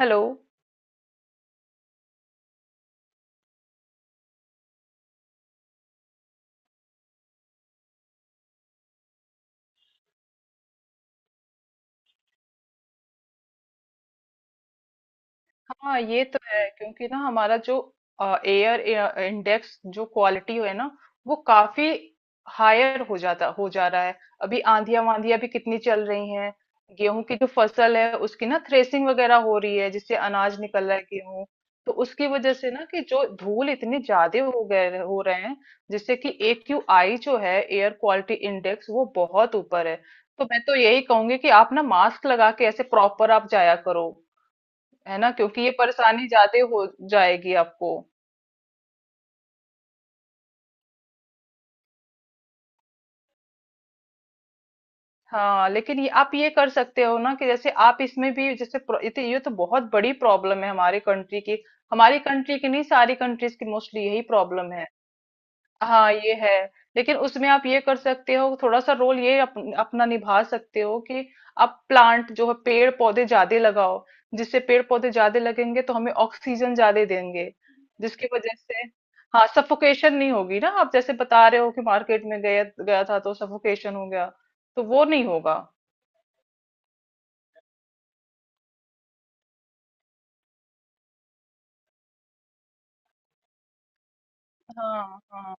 Hello. हाँ ये तो है क्योंकि ना हमारा जो एयर इंडेक्स जो क्वालिटी है ना वो काफी हायर हो जा रहा है। अभी आंधियां वांधियां भी कितनी चल रही हैं। गेहूं की जो फसल है उसकी ना थ्रेसिंग वगैरह हो रही है जिससे अनाज निकल रहा है गेहूं, तो उसकी वजह से ना कि जो धूल इतने ज्यादा हो रहे हैं, जिससे कि AQI जो है एयर क्वालिटी इंडेक्स वो बहुत ऊपर है। तो मैं तो यही कहूंगी कि आप ना मास्क लगा के ऐसे प्रॉपर आप जाया करो, है ना? क्योंकि ये परेशानी ज्यादा हो जाएगी आपको। हाँ, लेकिन ये आप ये कर सकते हो ना कि जैसे आप इसमें भी जैसे ये तो बहुत बड़ी प्रॉब्लम है हमारी कंट्री की। हमारी कंट्री की नहीं, सारी कंट्रीज की मोस्टली यही प्रॉब्लम है। हाँ ये है। लेकिन उसमें आप ये कर सकते हो, थोड़ा सा रोल ये अपना निभा सकते हो कि आप प्लांट जो है पेड़ पौधे ज्यादा लगाओ। जिससे पेड़ पौधे ज्यादा लगेंगे तो हमें ऑक्सीजन ज्यादा देंगे, जिसकी वजह से, हाँ, सफोकेशन नहीं होगी ना। आप जैसे बता रहे हो कि मार्केट में गया गया था तो सफोकेशन हो गया, तो वो नहीं होगा। हाँ हाँ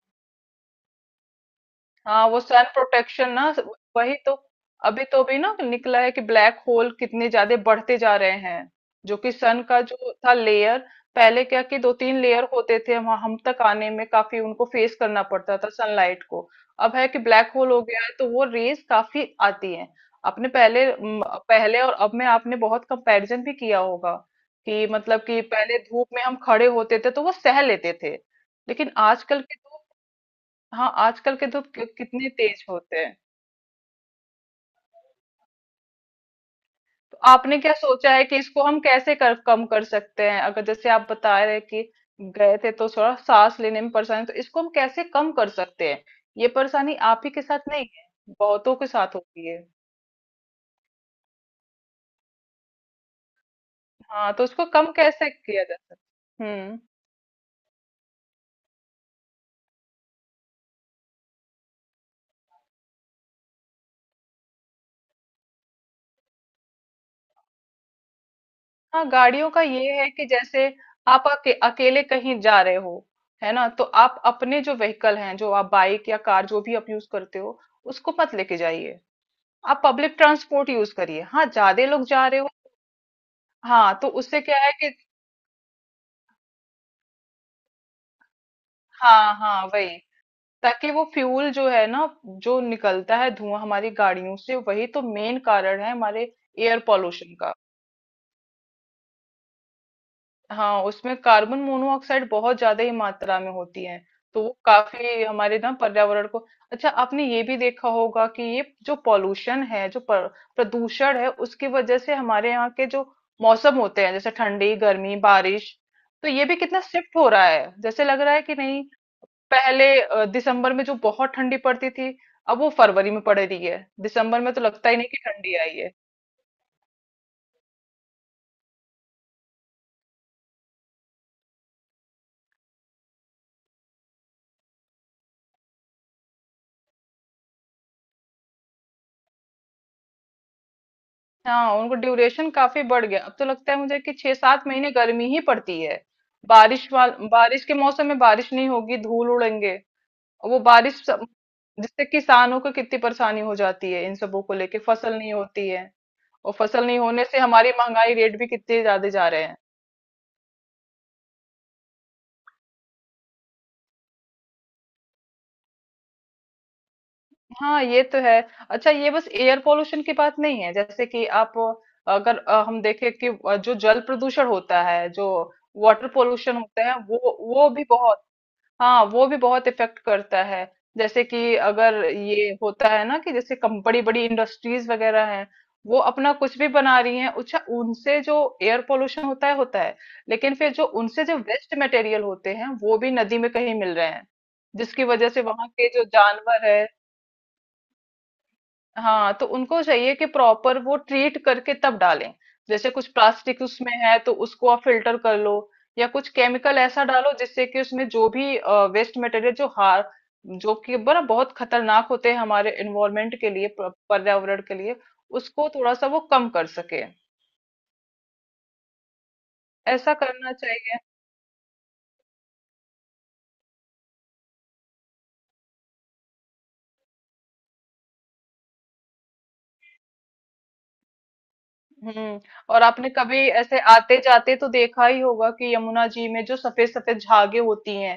हाँ, वो सन प्रोटेक्शन ना। वही तो। अभी तो भी ना निकला है कि ब्लैक होल कितने ज्यादा बढ़ते जा रहे हैं, जो कि सन का जो था लेयर। पहले क्या कि दो तीन लेयर होते थे, हम तक आने में काफी उनको फेस करना पड़ता था सनलाइट को। अब है कि ब्लैक होल हो गया है तो वो रेज काफी आती है। आपने पहले और अब में आपने बहुत कंपैरिजन भी किया होगा कि मतलब कि पहले धूप में हम खड़े होते थे तो वो सह लेते थे। लेकिन आजकल के तो, हाँ, आजकल के धूप कितने तेज होते हैं। तो आपने क्या सोचा है कि इसको हम कैसे कम कर सकते हैं? अगर जैसे आप बता रहे हैं कि गए थे तो थोड़ा सांस लेने में परेशानी, तो इसको हम कैसे कम कर सकते हैं? ये परेशानी आप ही के साथ नहीं है, बहुतों के साथ होती है। हाँ तो उसको कम कैसे किया जा सकता है? हम्म। हाँ, गाड़ियों का ये है कि जैसे आप अकेले कहीं जा रहे हो, है ना? तो आप अपने जो व्हीकल हैं, जो आप बाइक या कार जो भी आप यूज करते हो, उसको मत लेके जाइए। आप पब्लिक ट्रांसपोर्ट यूज करिए। हाँ, ज्यादा लोग जा रहे हो। हाँ तो उससे क्या है कि, हाँ हाँ, वही, ताकि वो फ्यूल जो है ना, जो निकलता है धुआं हमारी गाड़ियों से, वही तो मेन कारण है हमारे एयर पॉल्यूशन का। हाँ, उसमें कार्बन मोनोऑक्साइड बहुत ज्यादा ही मात्रा में होती है, तो वो काफी हमारे ना पर्यावरण को। अच्छा, आपने ये भी देखा होगा कि ये जो पॉल्यूशन है, जो प्रदूषण है, उसकी वजह से हमारे यहाँ के जो मौसम होते हैं जैसे ठंडी, गर्मी, बारिश, तो ये भी कितना शिफ्ट हो रहा है, जैसे लग रहा है कि नहीं? पहले दिसंबर में जो बहुत ठंडी पड़ती थी, अब वो फरवरी में पड़ रही है। दिसंबर में तो लगता ही नहीं कि ठंडी आई है। हाँ, उनको ड्यूरेशन काफी बढ़ गया। अब तो लगता है मुझे कि 6-7 महीने गर्मी ही पड़ती है। बारिश के मौसम में बारिश नहीं होगी, धूल उड़ेंगे। और वो बारिश जिससे किसानों को कितनी परेशानी हो जाती है, इन सबों को लेके फसल नहीं होती है। और फसल नहीं होने से हमारी महंगाई रेट भी कितने ज्यादा जा रहे हैं। हाँ ये तो है। अच्छा, ये बस एयर पोल्यूशन की बात नहीं है, जैसे कि आप अगर हम देखें कि जो जल प्रदूषण होता है, जो वाटर पोल्यूशन होता है, वो भी बहुत, हाँ वो भी बहुत इफेक्ट करता है। जैसे कि अगर ये होता है ना कि जैसे कम बड़ी बड़ी इंडस्ट्रीज वगैरह हैं, वो अपना कुछ भी बना रही हैं। अच्छा, उनसे जो एयर पोल्यूशन होता है, लेकिन फिर जो उनसे जो वेस्ट मटेरियल होते हैं, वो भी नदी में कहीं मिल रहे हैं, जिसकी वजह से वहां के जो जानवर है। हाँ तो उनको चाहिए कि प्रॉपर वो ट्रीट करके तब डालें। जैसे कुछ प्लास्टिक उसमें है तो उसको आप फिल्टर कर लो, या कुछ केमिकल ऐसा डालो जिससे कि उसमें जो भी वेस्ट मटेरियल जो कि बड़ा बहुत खतरनाक होते हैं हमारे एनवायरमेंट के लिए, पर्यावरण के लिए, उसको थोड़ा सा वो कम कर सके। ऐसा करना। हम्म। और आपने कभी ऐसे आते जाते तो देखा ही होगा कि यमुना जी में जो सफेद सफेद झागे होती हैं,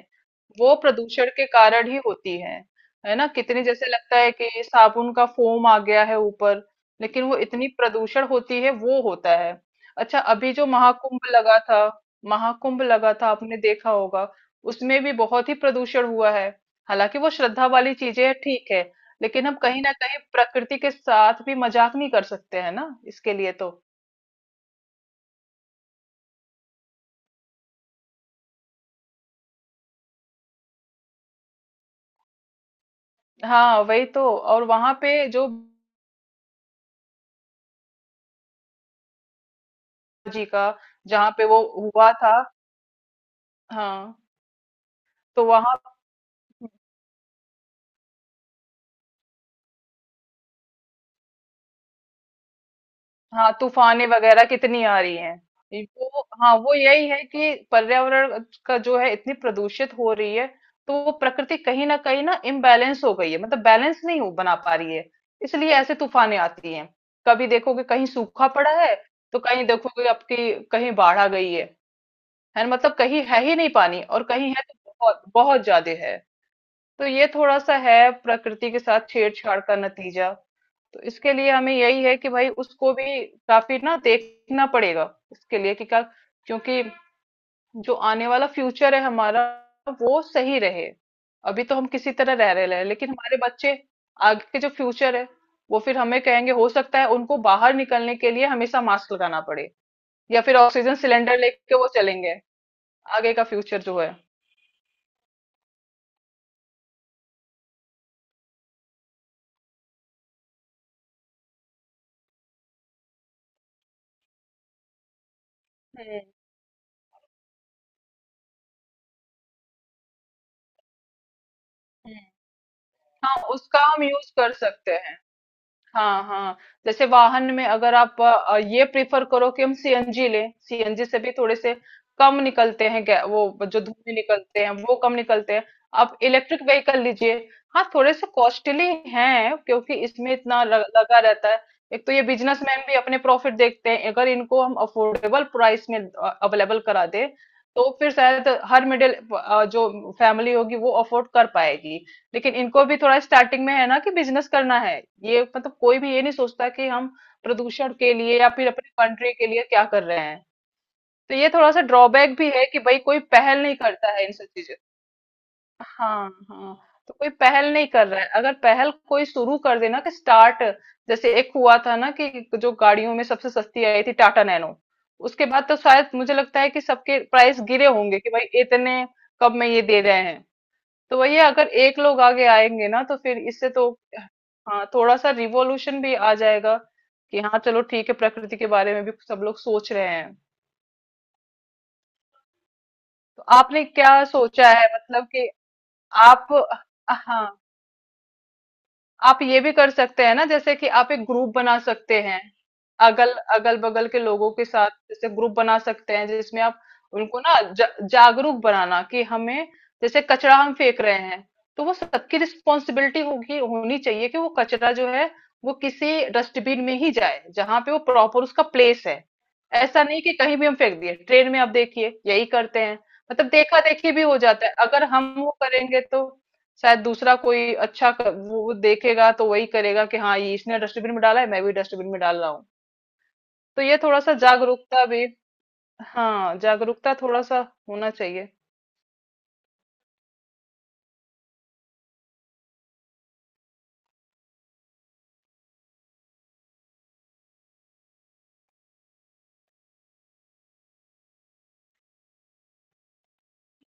वो प्रदूषण के कारण ही होती हैं, है ना? कितनी जैसे लगता है कि साबुन का फोम आ गया है ऊपर, लेकिन वो इतनी प्रदूषण होती है वो होता है। अच्छा, अभी जो महाकुंभ लगा था, महाकुंभ लगा था, आपने देखा होगा। उसमें भी बहुत ही प्रदूषण हुआ है। हालांकि वो श्रद्धा वाली चीजें हैं, ठीक है, लेकिन हम कहीं ना कहीं प्रकृति के साथ भी मजाक नहीं कर सकते हैं ना, इसके लिए तो। हाँ वही तो। और वहां पे जो जी का जहाँ पे वो हुआ था, हाँ तो वहां। हाँ, तूफानें वगैरह कितनी आ रही हैं। ये वो, हाँ, वो यही है कि पर्यावरण का जो है इतनी प्रदूषित हो रही है, तो वो प्रकृति कहीं ना इम्बैलेंस हो गई है, मतलब बैलेंस नहीं हो बना पा रही है, इसलिए ऐसे तूफानें आती हैं। कभी देखोगे कहीं सूखा पड़ा है, तो कहीं देखोगे आपकी कहीं बाढ़ आ गई है ना? मतलब कहीं है ही नहीं पानी, और कहीं है तो बहुत बहुत ज्यादा है। तो ये थोड़ा सा है प्रकृति के साथ छेड़छाड़ का नतीजा। तो इसके लिए हमें यही है कि भाई उसको भी काफी ना देखना पड़ेगा इसके लिए, कि क्या, क्योंकि जो आने वाला फ्यूचर है हमारा, वो सही रहे। अभी तो हम किसी तरह रह रहे हैं, लेकिन हमारे बच्चे आगे के जो फ्यूचर है, वो फिर हमें कहेंगे। हो सकता है उनको बाहर निकलने के लिए हमेशा मास्क लगाना पड़े, या फिर ऑक्सीजन सिलेंडर लेके वो चलेंगे आगे का फ्यूचर जो है। हम्म। हम्म। हाँ, उसका हम यूज कर सकते हैं। हाँ हाँ। जैसे वाहन में अगर आप ये प्रिफर करो कि हम सीएनजी लें, सीएनजी से भी थोड़े से कम निकलते हैं वो जो धुएं निकलते हैं वो कम निकलते हैं। आप इलेक्ट्रिक व्हीकल लीजिए। हाँ, थोड़े से कॉस्टली हैं, क्योंकि इसमें इतना लगा रहता है। एक तो ये बिजनेसमैन भी अपने प्रॉफिट देखते हैं। अगर इनको हम अफोर्डेबल प्राइस में अवेलेबल करा दे, तो फिर शायद हर मिडिल जो फैमिली होगी वो अफोर्ड कर पाएगी। लेकिन इनको भी थोड़ा स्टार्टिंग में है ना कि बिजनेस करना है, ये मतलब कोई भी ये नहीं सोचता कि हम प्रदूषण के लिए या फिर अपनी कंट्री के लिए क्या कर रहे हैं। तो ये थोड़ा सा ड्रॉबैक भी है कि भाई कोई पहल नहीं करता है इन सब चीजों। हाँ हाँ। तो कोई पहल नहीं कर रहा है। अगर पहल कोई शुरू कर देना कि स्टार्ट, जैसे एक हुआ था ना कि जो गाड़ियों में सबसे सस्ती आई थी टाटा नैनो, उसके बाद तो शायद मुझे लगता है कि सबके प्राइस गिरे होंगे कि भाई इतने कब में ये दे रहे हैं। तो वही है, अगर एक लोग आगे आएंगे ना तो फिर इससे तो, हाँ, थोड़ा सा रिवॉल्यूशन भी आ जाएगा कि हाँ चलो ठीक है प्रकृति के बारे में भी सब लोग सोच रहे हैं। तो आपने क्या सोचा है मतलब कि आप, हाँ, आप ये भी कर सकते हैं ना जैसे कि आप एक ग्रुप बना सकते हैं, अगल अगल बगल के लोगों के साथ, जैसे ग्रुप बना सकते हैं जिसमें आप उनको ना जागरूक बनाना कि हमें जैसे कचरा हम फेंक रहे हैं, तो वो सबकी रिस्पॉन्सिबिलिटी होगी होनी चाहिए कि वो कचरा जो है वो किसी डस्टबिन में ही जाए, जहां पे वो प्रॉपर उसका प्लेस है। ऐसा नहीं कि कहीं भी हम फेंक दिए, ट्रेन में आप देखिए यही करते हैं। मतलब देखा देखी भी हो जाता है। अगर हम वो करेंगे तो शायद दूसरा कोई अच्छा वो देखेगा तो वही करेगा कि हाँ ये इसने डस्टबिन में डाला है, मैं भी डस्टबिन में डाल रहा हूँ। तो ये थोड़ा सा जागरूकता भी, हाँ, जागरूकता थोड़ा सा होना चाहिए।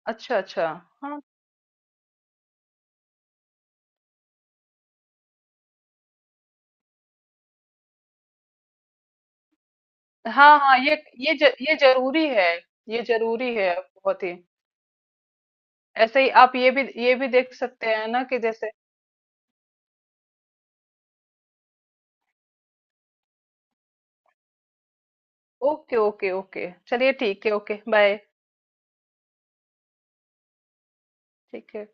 अच्छा अच्छा। हाँ हाँ हाँ, ये जरूरी है। ये जरूरी है, बहुत ही। ऐसे ही आप ये भी देख सकते हैं ना कि जैसे, ओके ओके ओके, चलिए ठीक है, ओके बाय, ठीक है।